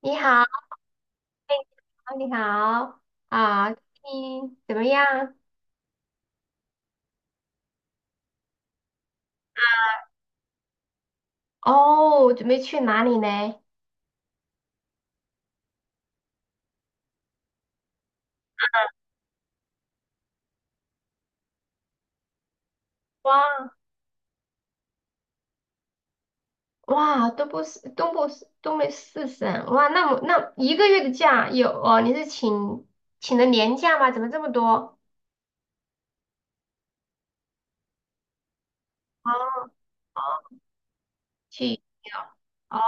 你好，你好，你怎么样？哦，准备去哪里呢？哇哇，东部四东北四省，哇，那么那一个月的假有哦？你是请的年假吗？怎么这么多？哦哦，去哦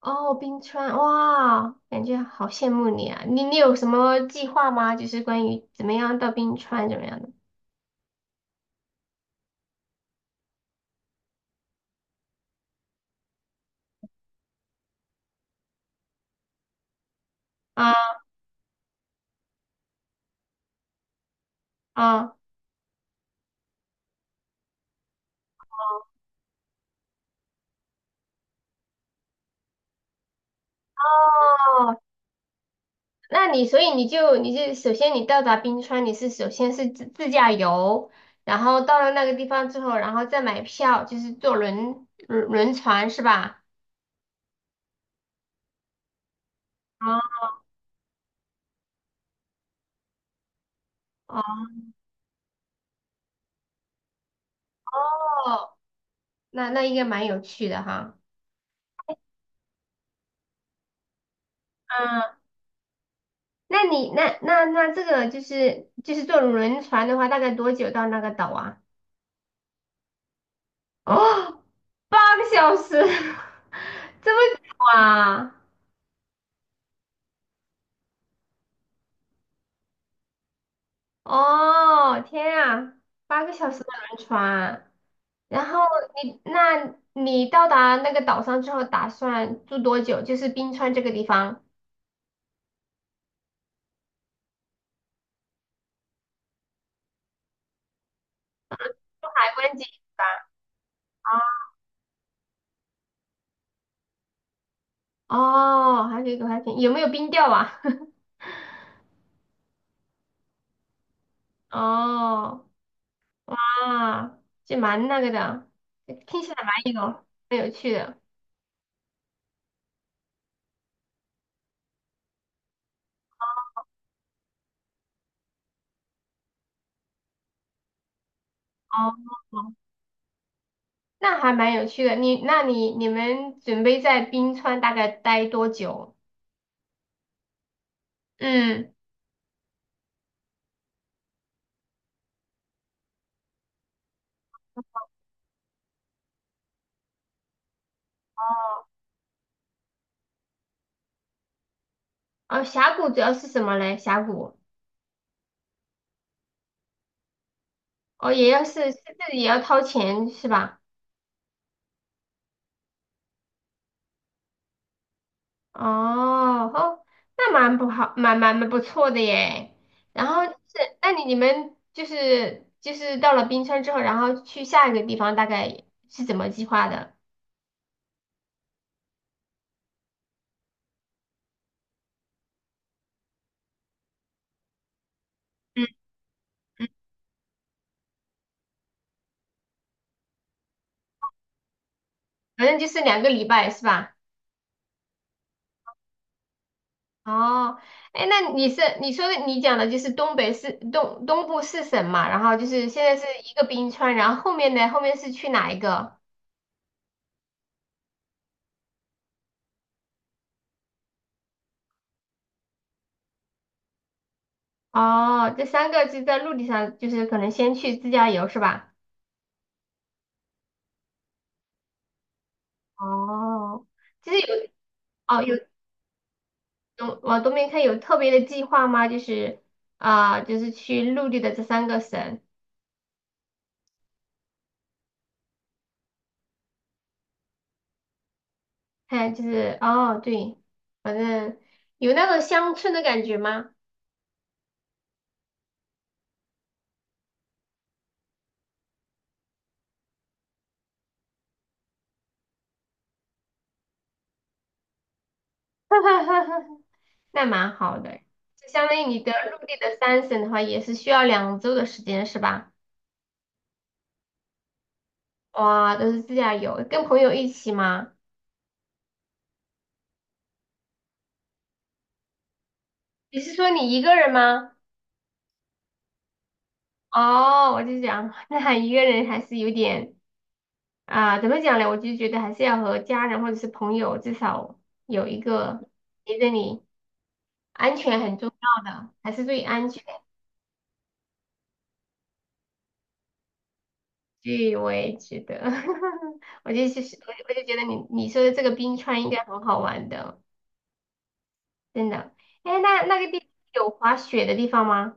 哦，冰川，哇，感觉好羡慕你啊！你有什么计划吗？就是关于怎么样到冰川怎么样的？啊啊，哦，那所以你首先你到达冰川，你是首先是自驾游，然后到了那个地方之后，然后再买票，就是坐轮船是吧？啊哦，那应该蛮有趣的哈。嗯，那你那那那这个就是坐轮船的话，大概多久到那个岛啊？哦，八个小时，这么久啊？哦，天啊，八个小时的轮船，然后你，那你到达那个岛上之后，打算住多久？就是冰川这个地方，住海关景吧。哦，还可以有没有冰钓啊？哦，啊，这蛮那个的，听起来蛮有趣的。哦，那还蛮有趣的。你，那你们准备在冰川大概待多久？嗯，哦，峡谷主要是什么嘞？峡谷。哦，也要是是自己也要掏钱是吧？哦哦，那蛮不好，蛮不错的耶。然后就是，那你们就是到了冰川之后，然后去下一个地方，大概是怎么计划的？嗯嗯，反正就是两个礼拜是吧？哦，哎，那你是你说的你讲的就是东北四东东部四省嘛，然后就是现在是一个冰川，然后后面呢，后面是去哪一个？哦，这三个是在陆地上，就是可能先去自驾游是吧？哦，其实有哦有东往东边看有特别的计划吗？就是啊、就是去陆地的这三个省，看就是哦对，反正有那种乡村的感觉吗？那蛮好的，就相当于你的陆地的三省的话，也是需要两周的时间是吧？哇，都是自驾游，跟朋友一起吗？你是说你一个人吗？哦，我就想，那一个人还是有点啊、怎么讲呢？我就觉得还是要和家人或者是朋友，至少有一个陪着你，安全很重要的，还是最安全。对，我也觉得，我就是我就我就觉得你说的这个冰川应该很好玩的，真的。哎，那那个地方有滑雪的地方吗？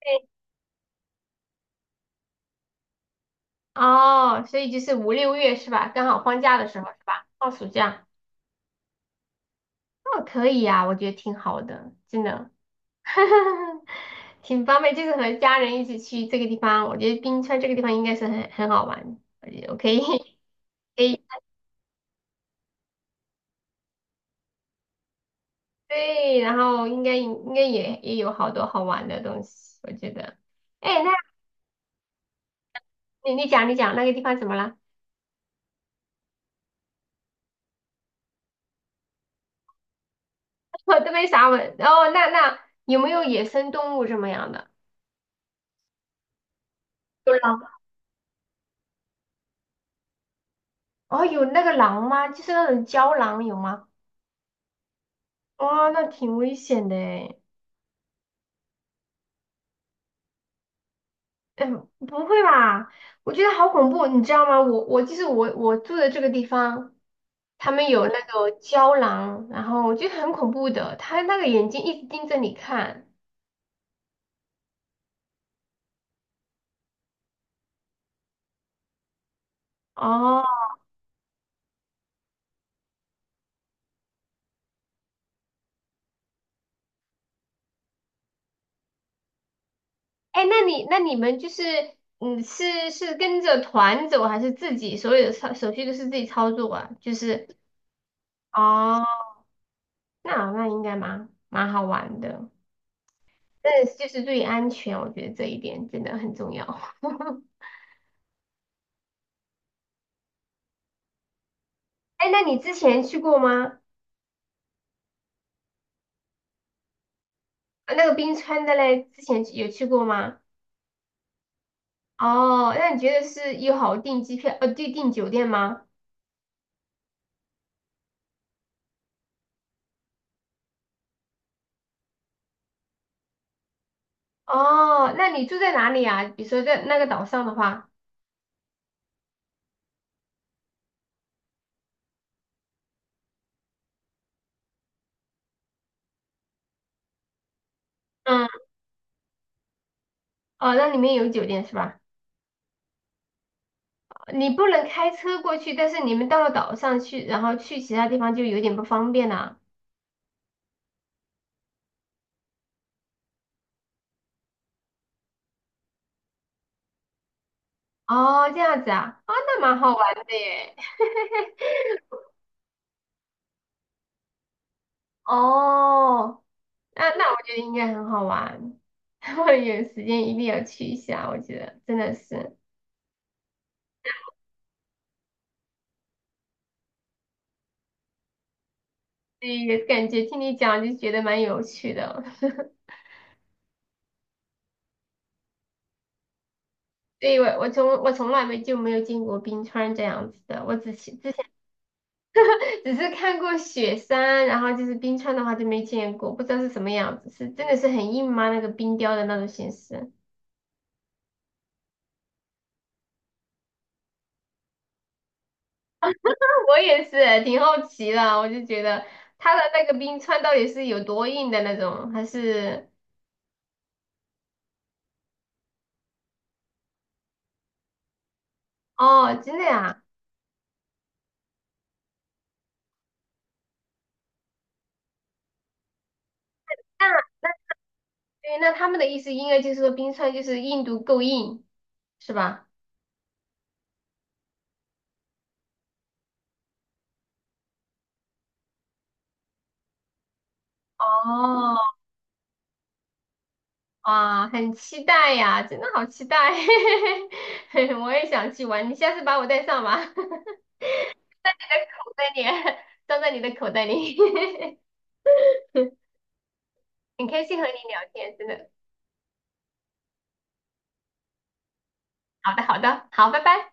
对，哦，所以就是五六月是吧？刚好放假的时候是吧？放暑假，哦，可以呀、我觉得挺好的，真的。挺方便，就是和家人一起去这个地方，我觉得冰川这个地方应该是很好玩，我觉得我可以 可以对，然后应该也有好多好玩的东西，我觉得。哎，那你讲那个地方怎么了？我都没啥问。哦，那有没有野生动物什么样的？有狼？哦，有那个狼吗？就是那种郊狼有吗？哇、那挺危险的诶嗯，不会吧？我觉得好恐怖，你知道吗？我我就是我我住的这个地方，他们有那个胶囊，然后我觉得很恐怖的，他那个眼睛一直盯着你看。哦，哎，那你们就是，嗯，是是跟着团走还是自己所有的操手续都是自己操作啊？就是，哦，那应该蛮好玩的，但是就是注意安全，我觉得这一点真的很重要。哎，那你之前去过吗？啊那个冰川的嘞，之前有去过吗？哦，那你觉得是友好订机票，订酒店吗？哦，那你住在哪里啊？比如说在那个岛上的话，嗯，哦，那里面有酒店是吧？你不能开车过去，但是你们到了岛上去，然后去其他地方就有点不方便了。哦，这样子啊，啊，那蛮好玩的耶。哦，那我觉得应该很好玩，我有时间一定要去一下，我觉得真的是。对，也感觉听你讲就觉得蛮有趣的。对，我从来没就没有见过冰川这样子的，我只是之前只是看过雪山，然后就是冰川的话就没见过，不知道是什么样子，是真的是很硬吗？那个冰雕的那种形式，我也是挺好奇的，我就觉得它的那个冰川到底是有多硬的那种，还是哦，真的呀？那对，那他们的意思应该就是说冰川就是硬度够硬，是吧？哦，哇，很期待呀，真的好期待，我也想去玩，你下次把我带上吧，我带你，装在你的口袋里，很开心和你聊天，真的。好的，好的，好，拜拜。